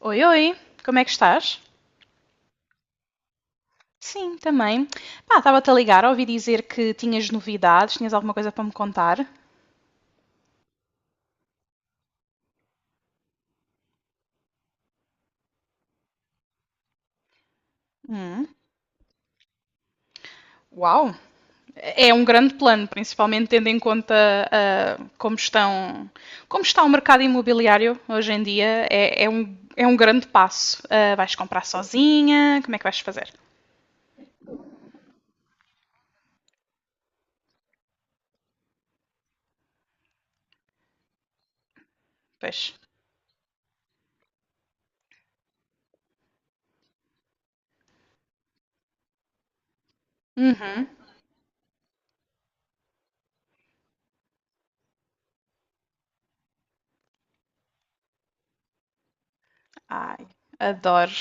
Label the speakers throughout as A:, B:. A: Oi, oi, como é que estás? Sim, também. Pá, estava-te a ligar, ouvi dizer que tinhas novidades, tinhas alguma coisa para me contar. Hum, uau! É um grande plano, principalmente tendo em conta como estão, como está o mercado imobiliário hoje em dia. É, é um grande passo. Vais comprar sozinha? Como é que vais fazer? Pois. Uhum. Ai, adoro.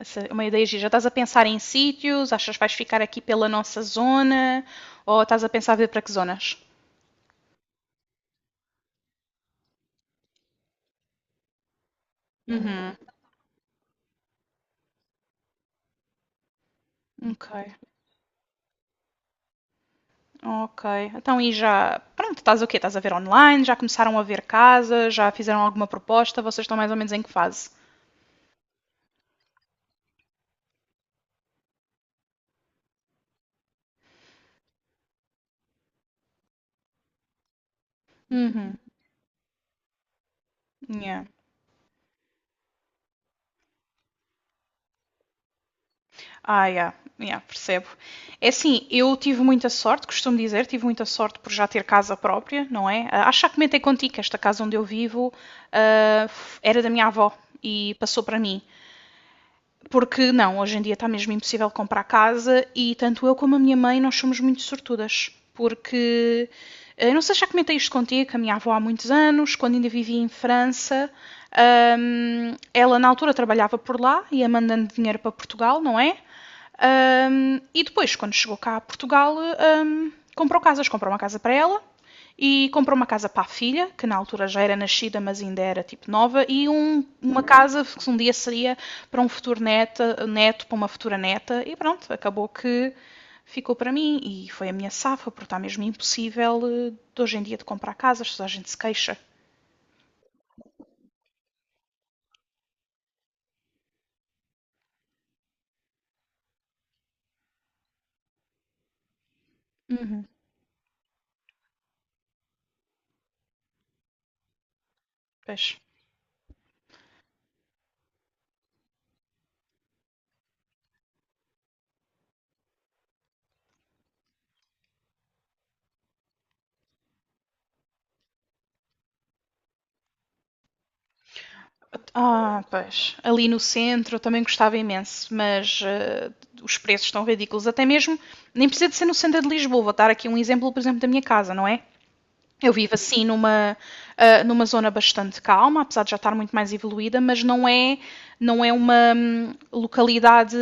A: Essa é uma ideia gira. Já estás a pensar em sítios? Achas que vais ficar aqui pela nossa zona? Ou estás a pensar ver para que zonas? Uhum. Ok, ok. Então, e já. Pronto, estás o quê? Estás a ver online? Já começaram a ver casas? Já fizeram alguma proposta? Vocês estão mais ou menos em que fase? Uhum. Yeah. Ah, yeah. Yeah, percebo. É assim, eu tive muita sorte, costumo dizer, tive muita sorte por já ter casa própria, não é? Acho que já comentei contigo que esta casa onde eu vivo era da minha avó e passou para mim. Porque não, hoje em dia está mesmo impossível comprar casa e tanto eu como a minha mãe nós somos muito sortudas. Porque, eu não sei se já comentei isto contigo, que a minha avó há muitos anos, quando ainda vivia em França, ela na altura trabalhava por lá, ia mandando dinheiro para Portugal, não é? E depois, quando chegou cá a Portugal, comprou casas. Comprou uma casa para ela e comprou uma casa para a filha, que na altura já era nascida, mas ainda era tipo nova, e uma casa que um dia seria para um futuro neta, neto, para uma futura neta. E pronto, acabou que ficou para mim e foi a minha safa, porque está mesmo impossível de hoje em dia de comprar casas, toda a gente se queixa. Uhum. Pois. Ah, pois. Ali no centro eu também gostava imenso, mas os preços estão ridículos. Até mesmo, nem precisa de ser no centro de Lisboa. Vou dar aqui um exemplo, por exemplo, da minha casa, não é? Eu vivo assim numa, numa zona bastante calma, apesar de já estar muito mais evoluída, não é uma localidade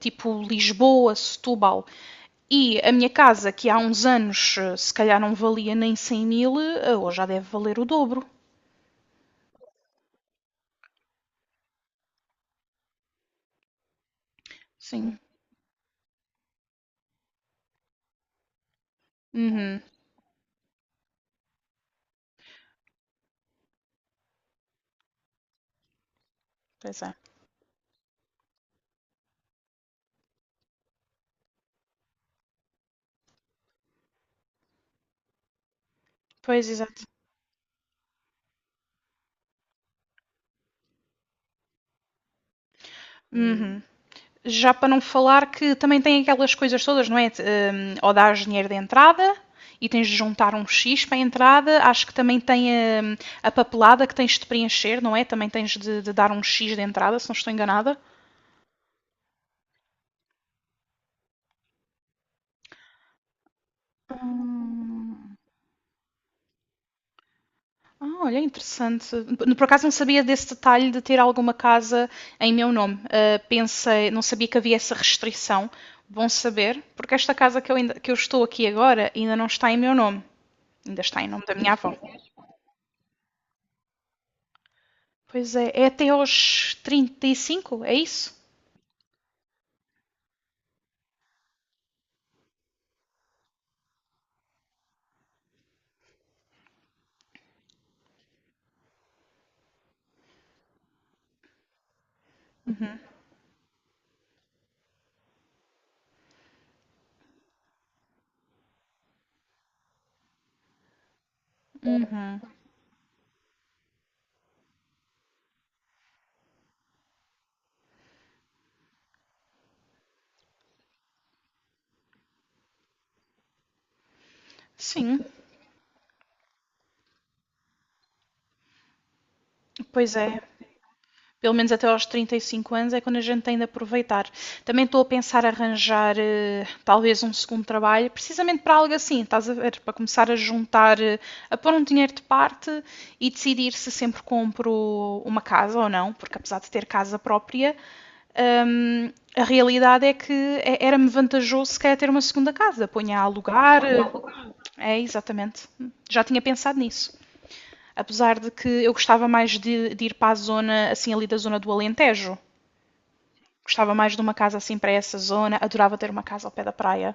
A: tipo Lisboa, Setúbal. E a minha casa, que há uns anos se calhar não valia nem 100 mil, eh, hoje já deve valer o dobro. Sim. Uhum. Pois é. Pois, exato. Uhum. Já para não falar que também tem aquelas coisas todas, não é? Ou dás dinheiro de entrada e tens de juntar um X para a entrada. Acho que também tem hum, papelada que tens de preencher, não é? Também tens de dar um X de entrada, se não estou enganada. Hum, Ah, olha, interessante. Por acaso não sabia desse detalhe de ter alguma casa em meu nome. Ah, pensei, não sabia que havia essa restrição. Bom saber, porque esta casa que eu estou aqui agora ainda não está em meu nome. Ainda está em nome da minha avó. Pois é, é até aos 35 é isso? Sim, pois é. Pelo menos até aos 35 anos é quando a gente tem de aproveitar. Também estou a pensar arranjar talvez um segundo trabalho, precisamente para algo assim, estás a ver? Para começar a juntar, a pôr um dinheiro de parte e decidir se sempre compro uma casa ou não, porque apesar de ter casa própria, a realidade é que era-me vantajoso se calhar ter uma segunda casa. Ponha a alugar, eh, é, exatamente. Já tinha pensado nisso. Apesar de que eu gostava mais de ir para a zona, assim, ali da zona do Alentejo. Gostava mais de uma casa assim para essa zona. Adorava ter uma casa ao pé da praia.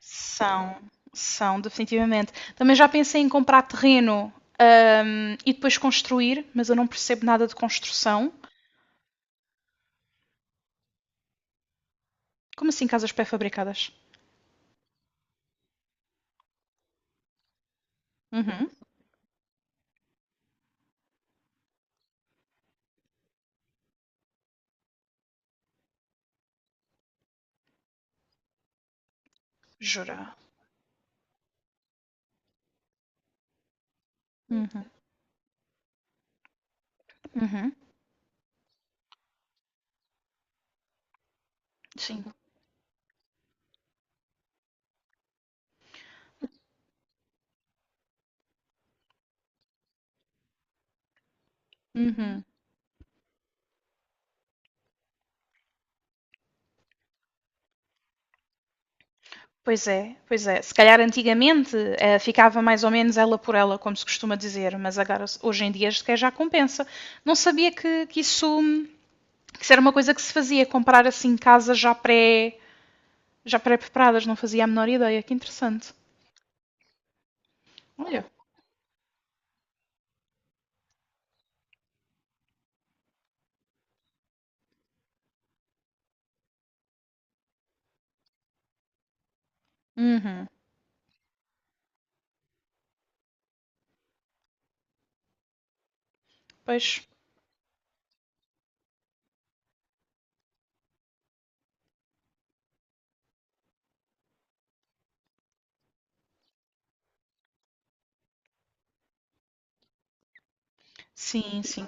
A: São, São, definitivamente. Também já pensei em comprar terreno e depois construir, mas eu não percebo nada de construção. Como assim casas pré-fabricadas? Uhum. Jura? Uhum. Uhum. Sim. Uhum. Pois é, pois é. Se calhar antigamente ficava mais ou menos ela por ela, como se costuma dizer, mas agora hoje em dia sequer já compensa. Não sabia que isso era uma coisa que se fazia, comprar assim já pré-preparadas, não fazia a menor ideia. Que interessante. Olha. Uhum. Pois, sim, sim.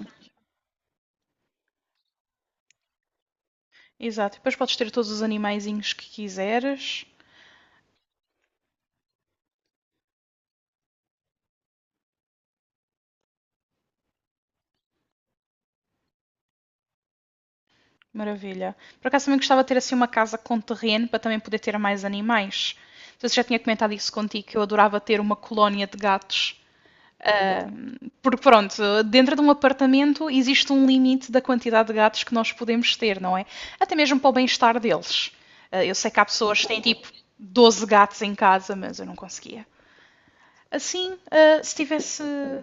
A: Exato. Depois podes ter todos os animaizinhos que quiseres. Maravilha. Por acaso também gostava de ter assim uma casa com terreno para também poder ter mais animais. Não sei se já tinha comentado isso contigo, que eu adorava ter uma colónia de gatos. Porque pronto, dentro de um apartamento existe um limite da quantidade de gatos que nós podemos ter, não é? Até mesmo para o bem-estar deles. Eu sei que há pessoas que têm tipo 12 gatos em casa, mas eu não conseguia. Assim, se tivesse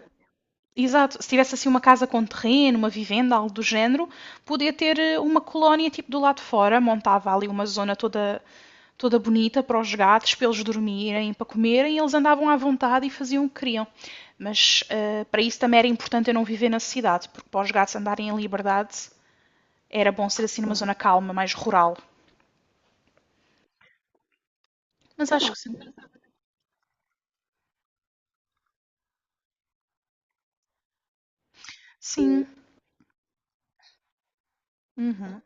A: exato, se tivesse assim uma casa com terreno, uma vivenda, algo do género, podia ter uma colónia tipo do lado de fora, montava ali uma zona toda bonita para os gatos, para eles dormirem, para comerem, e eles andavam à vontade e faziam o que queriam. Mas para isso também era importante eu não viver na cidade, porque para os gatos andarem em liberdade era bom ser assim numa zona calma, mais rural. Mas acho que sim. Sim. Uhum.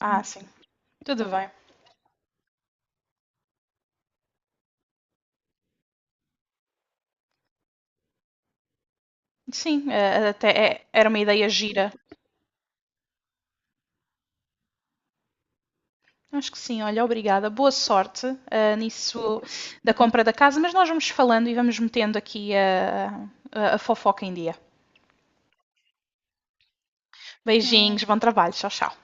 A: Ah, sim. Tudo bem. Sim, eh, até é- era uma ideia gira. Acho que sim, olha, obrigada. Boa sorte, nisso da compra da casa, mas nós vamos falando e vamos metendo aqui a fofoca em dia. Beijinhos, bom trabalho, tchau, tchau.